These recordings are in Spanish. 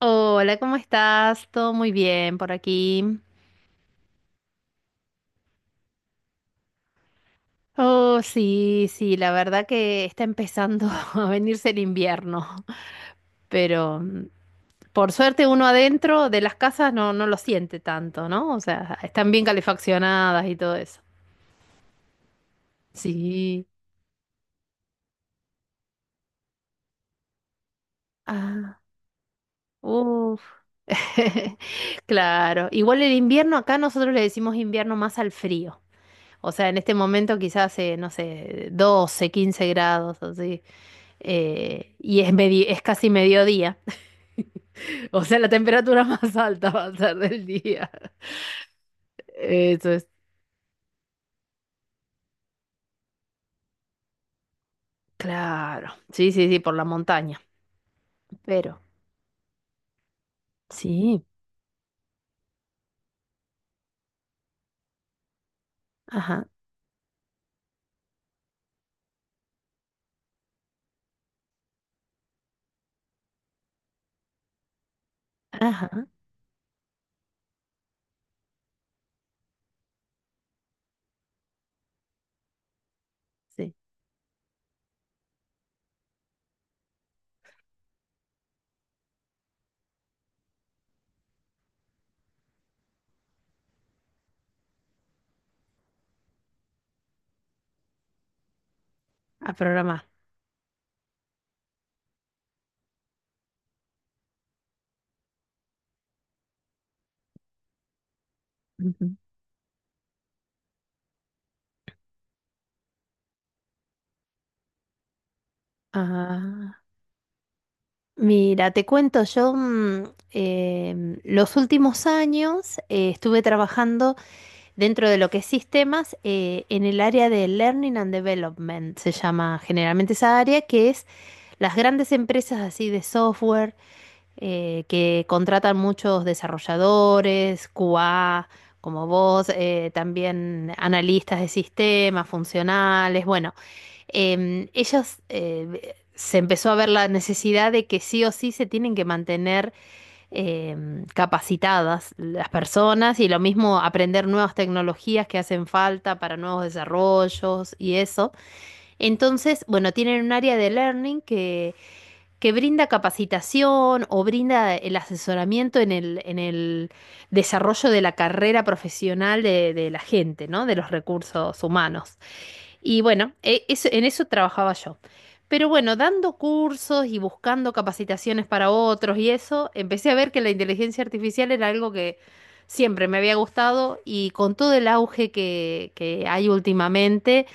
Hola, ¿cómo estás? Todo muy bien por aquí. Oh, sí, sí, la verdad que está empezando a venirse el invierno, pero por suerte uno adentro de las casas no lo siente tanto, ¿no? O sea, están bien calefaccionadas y todo eso. Sí. Ah, uff. Claro. Igual el invierno, acá nosotros le decimos invierno más al frío. O sea, en este momento quizás, no sé, 12, 15 grados, así. Es casi mediodía. O sea, la temperatura más alta va a ser del día. Eso es claro. Sí, sí, sí, por la montaña. Pero sí, ajá, ajá, sí, a programar. Ujú. Ah, mira, te cuento, yo los últimos años estuve trabajando dentro de lo que es sistemas, en el área de Learning and Development, se llama generalmente esa área, que es las grandes empresas así de software que contratan muchos desarrolladores, QA, como vos, también analistas de sistemas, funcionales, bueno, ellos se empezó a ver la necesidad de que sí o sí se tienen que mantener eh, capacitadas las personas y lo mismo aprender nuevas tecnologías que hacen falta para nuevos desarrollos y eso. Entonces, bueno, tienen un área de learning que brinda capacitación o brinda el asesoramiento en el desarrollo de la carrera profesional de la gente, ¿no? De los recursos humanos. Y bueno, en eso trabajaba yo. Pero bueno, dando cursos y buscando capacitaciones para otros y eso, empecé a ver que la inteligencia artificial era algo que siempre me había gustado y con todo el auge que hay últimamente,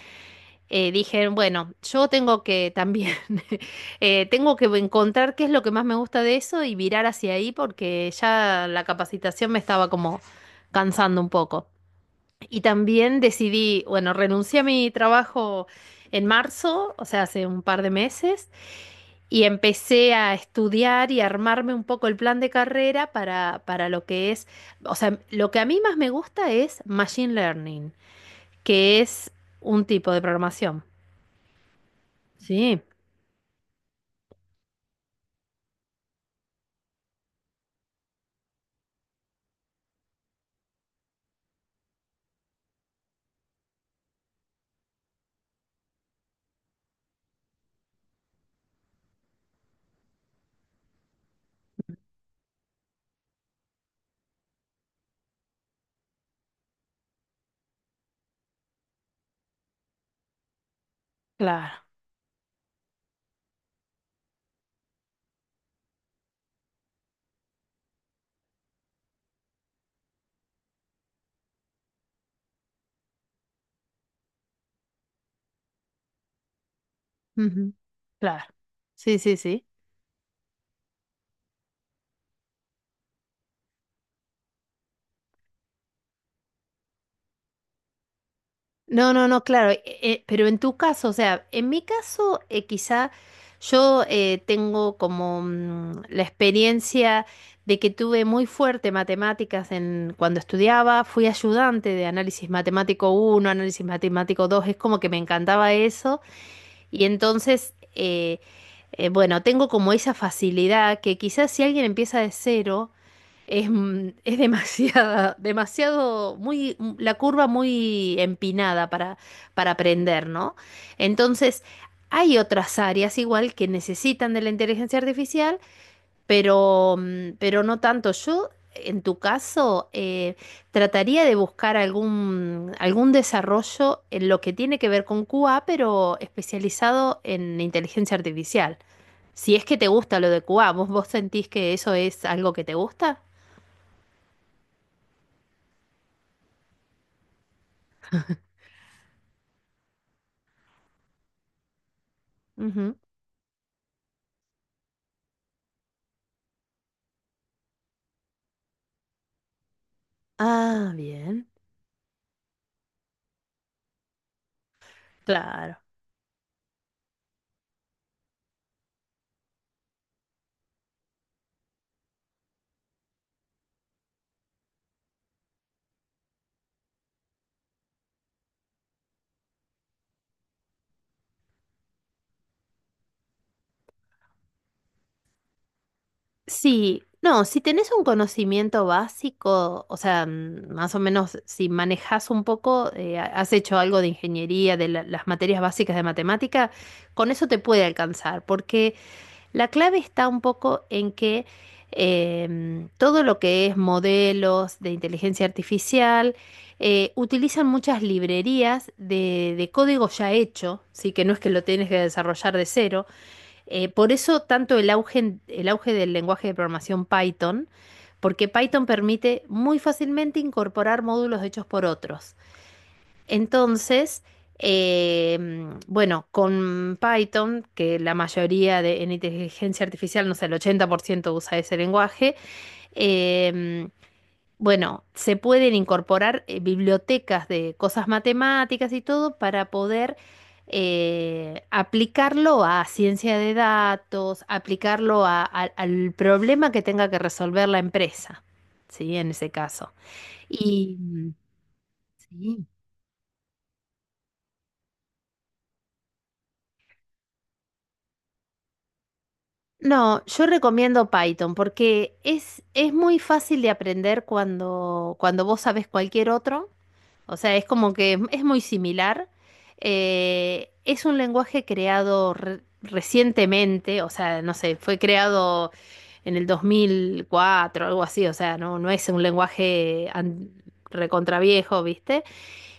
dije, bueno, yo tengo que también, tengo que encontrar qué es lo que más me gusta de eso y virar hacia ahí porque ya la capacitación me estaba como cansando un poco. Y también decidí, bueno, renuncié a mi trabajo en marzo, o sea, hace un par de meses, y empecé a estudiar y a armarme un poco el plan de carrera para lo que es, o sea, lo que a mí más me gusta es Machine Learning, que es un tipo de programación. Sí, claro. Ujú, claro. Sí, sí, sí. No, no, no, claro, pero en tu caso, o sea, en mi caso, quizá yo tengo como la experiencia de que tuve muy fuerte matemáticas en, cuando estudiaba, fui ayudante de análisis matemático uno, análisis matemático 2. Es como que me encantaba eso, y entonces, bueno, tengo como esa facilidad que quizás si alguien empieza de cero, es demasiada, demasiado, muy, la curva muy empinada para aprender, ¿no? Entonces, hay otras áreas igual que necesitan de la inteligencia artificial, pero, pero no tanto. Yo, en tu caso, trataría de buscar algún, algún desarrollo en lo que tiene que ver con QA, pero especializado en inteligencia artificial. Si es que te gusta lo de QA, ¿vos, vos sentís que eso es algo que te gusta? Ah, bien, claro. Sí, no, si tenés un conocimiento básico, o sea, más o menos si manejás un poco, has hecho algo de ingeniería, de las materias básicas de matemática, con eso te puede alcanzar, porque la clave está un poco en que todo lo que es modelos de inteligencia artificial, utilizan muchas librerías de código ya hecho, sí, que no es que lo tienes que desarrollar de cero. Por eso tanto el auge del lenguaje de programación Python, porque Python permite muy fácilmente incorporar módulos hechos por otros. Entonces, eh, bueno, con Python, que la mayoría de, en inteligencia artificial, no sé, el 80% usa ese lenguaje, eh, bueno, se pueden incorporar bibliotecas de cosas matemáticas y todo para poder aplicarlo a ciencia de datos, aplicarlo al problema que tenga que resolver la empresa, ¿sí? En ese caso. Y sí. No, yo recomiendo Python porque es muy fácil de aprender cuando, cuando vos sabés cualquier otro. O sea, es como que es muy similar. Es un lenguaje creado recientemente, o sea, no sé, fue creado en el 2004, algo así, o sea, no, no es un lenguaje recontraviejo, ¿viste?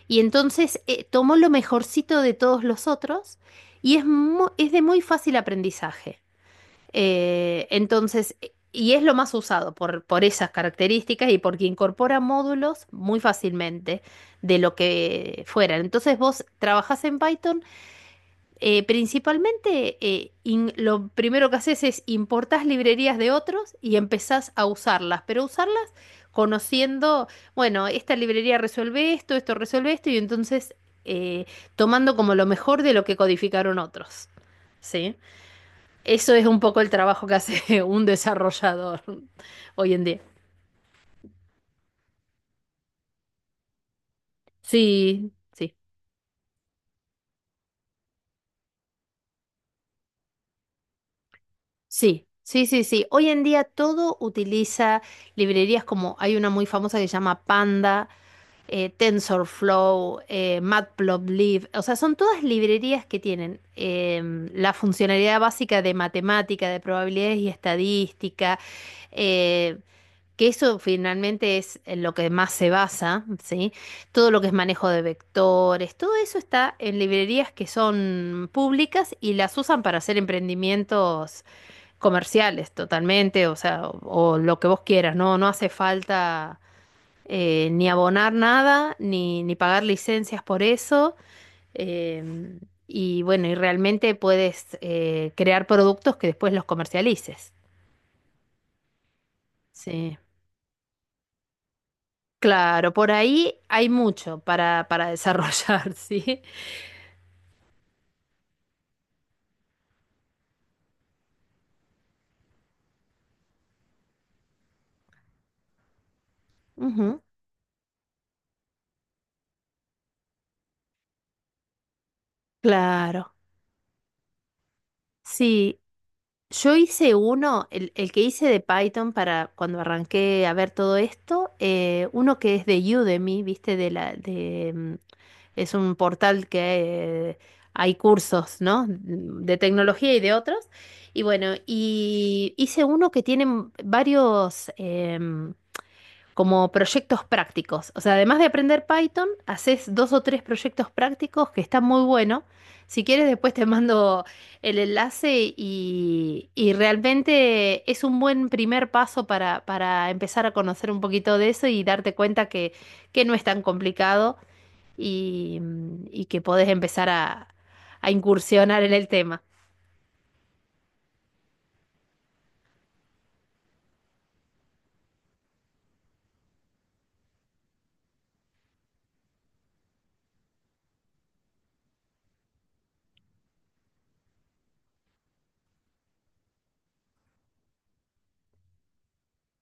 Y entonces tomó lo mejorcito de todos los otros y es de muy fácil aprendizaje. Entonces, y es lo más usado por esas características y porque incorpora módulos muy fácilmente de lo que fueran. Entonces vos trabajás en Python, principalmente lo primero que haces es importás librerías de otros y empezás a usarlas, pero usarlas conociendo, bueno, esta librería resuelve esto, esto resuelve esto, y entonces eh, tomando como lo mejor de lo que codificaron otros. ¿Sí? Eso es un poco el trabajo que hace un desarrollador hoy en día. Sí, sí, sí, sí, sí, sí. Hoy en día todo utiliza librerías, como hay una muy famosa que se llama Panda, TensorFlow, Matplotlib. O sea, son todas librerías que tienen la funcionalidad básica de matemática, de probabilidades y estadística. eh, que eso finalmente es en lo que más se basa, ¿sí? Todo lo que es manejo de vectores, todo eso está en librerías que son públicas y las usan para hacer emprendimientos comerciales totalmente, o sea, o lo que vos quieras, ¿no? No hace falta ni abonar nada, ni pagar licencias por eso. em, y bueno, y realmente puedes crear productos que después los comercialices. Sí. Claro, por ahí hay mucho para desarrollar, ¿sí? Ujú. Claro. Sí, yo hice uno, el que hice de Python para cuando arranqué a ver todo esto, uno que es de Udemy, ¿viste? De la, de, mm, Es un portal que hay cursos, ¿no? De tecnología y de otros. Y bueno, y hice uno que tiene varios, como proyectos prácticos. O sea, además de aprender Python, haces dos o tres proyectos prácticos que están muy buenos. Si quieres, después te mando el enlace y realmente es un buen primer paso para empezar a conocer un poquito de eso y darte cuenta que no es tan complicado y, y que podés empezar a incursionar en el tema.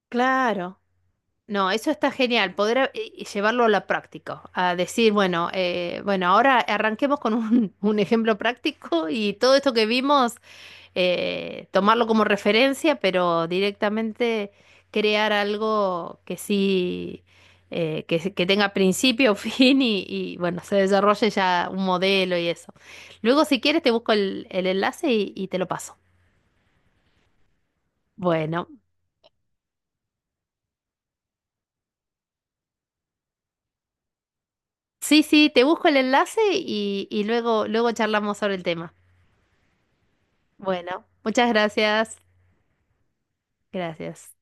Claro. No, eso está genial, poder llevarlo a la práctica, a decir, bueno, ahora arranquemos con un, un ejemplo práctico y todo esto que vimos, tomarlo como referencia, pero directamente crear algo que sí, que tenga principio, fin y, bueno, se desarrolle ya un modelo y eso. Luego, si quieres, te busco el enlace y te lo paso. Bueno, sí, sí, te busco el enlace y luego charlamos sobre el tema. Bueno, muchas gracias. Gracias.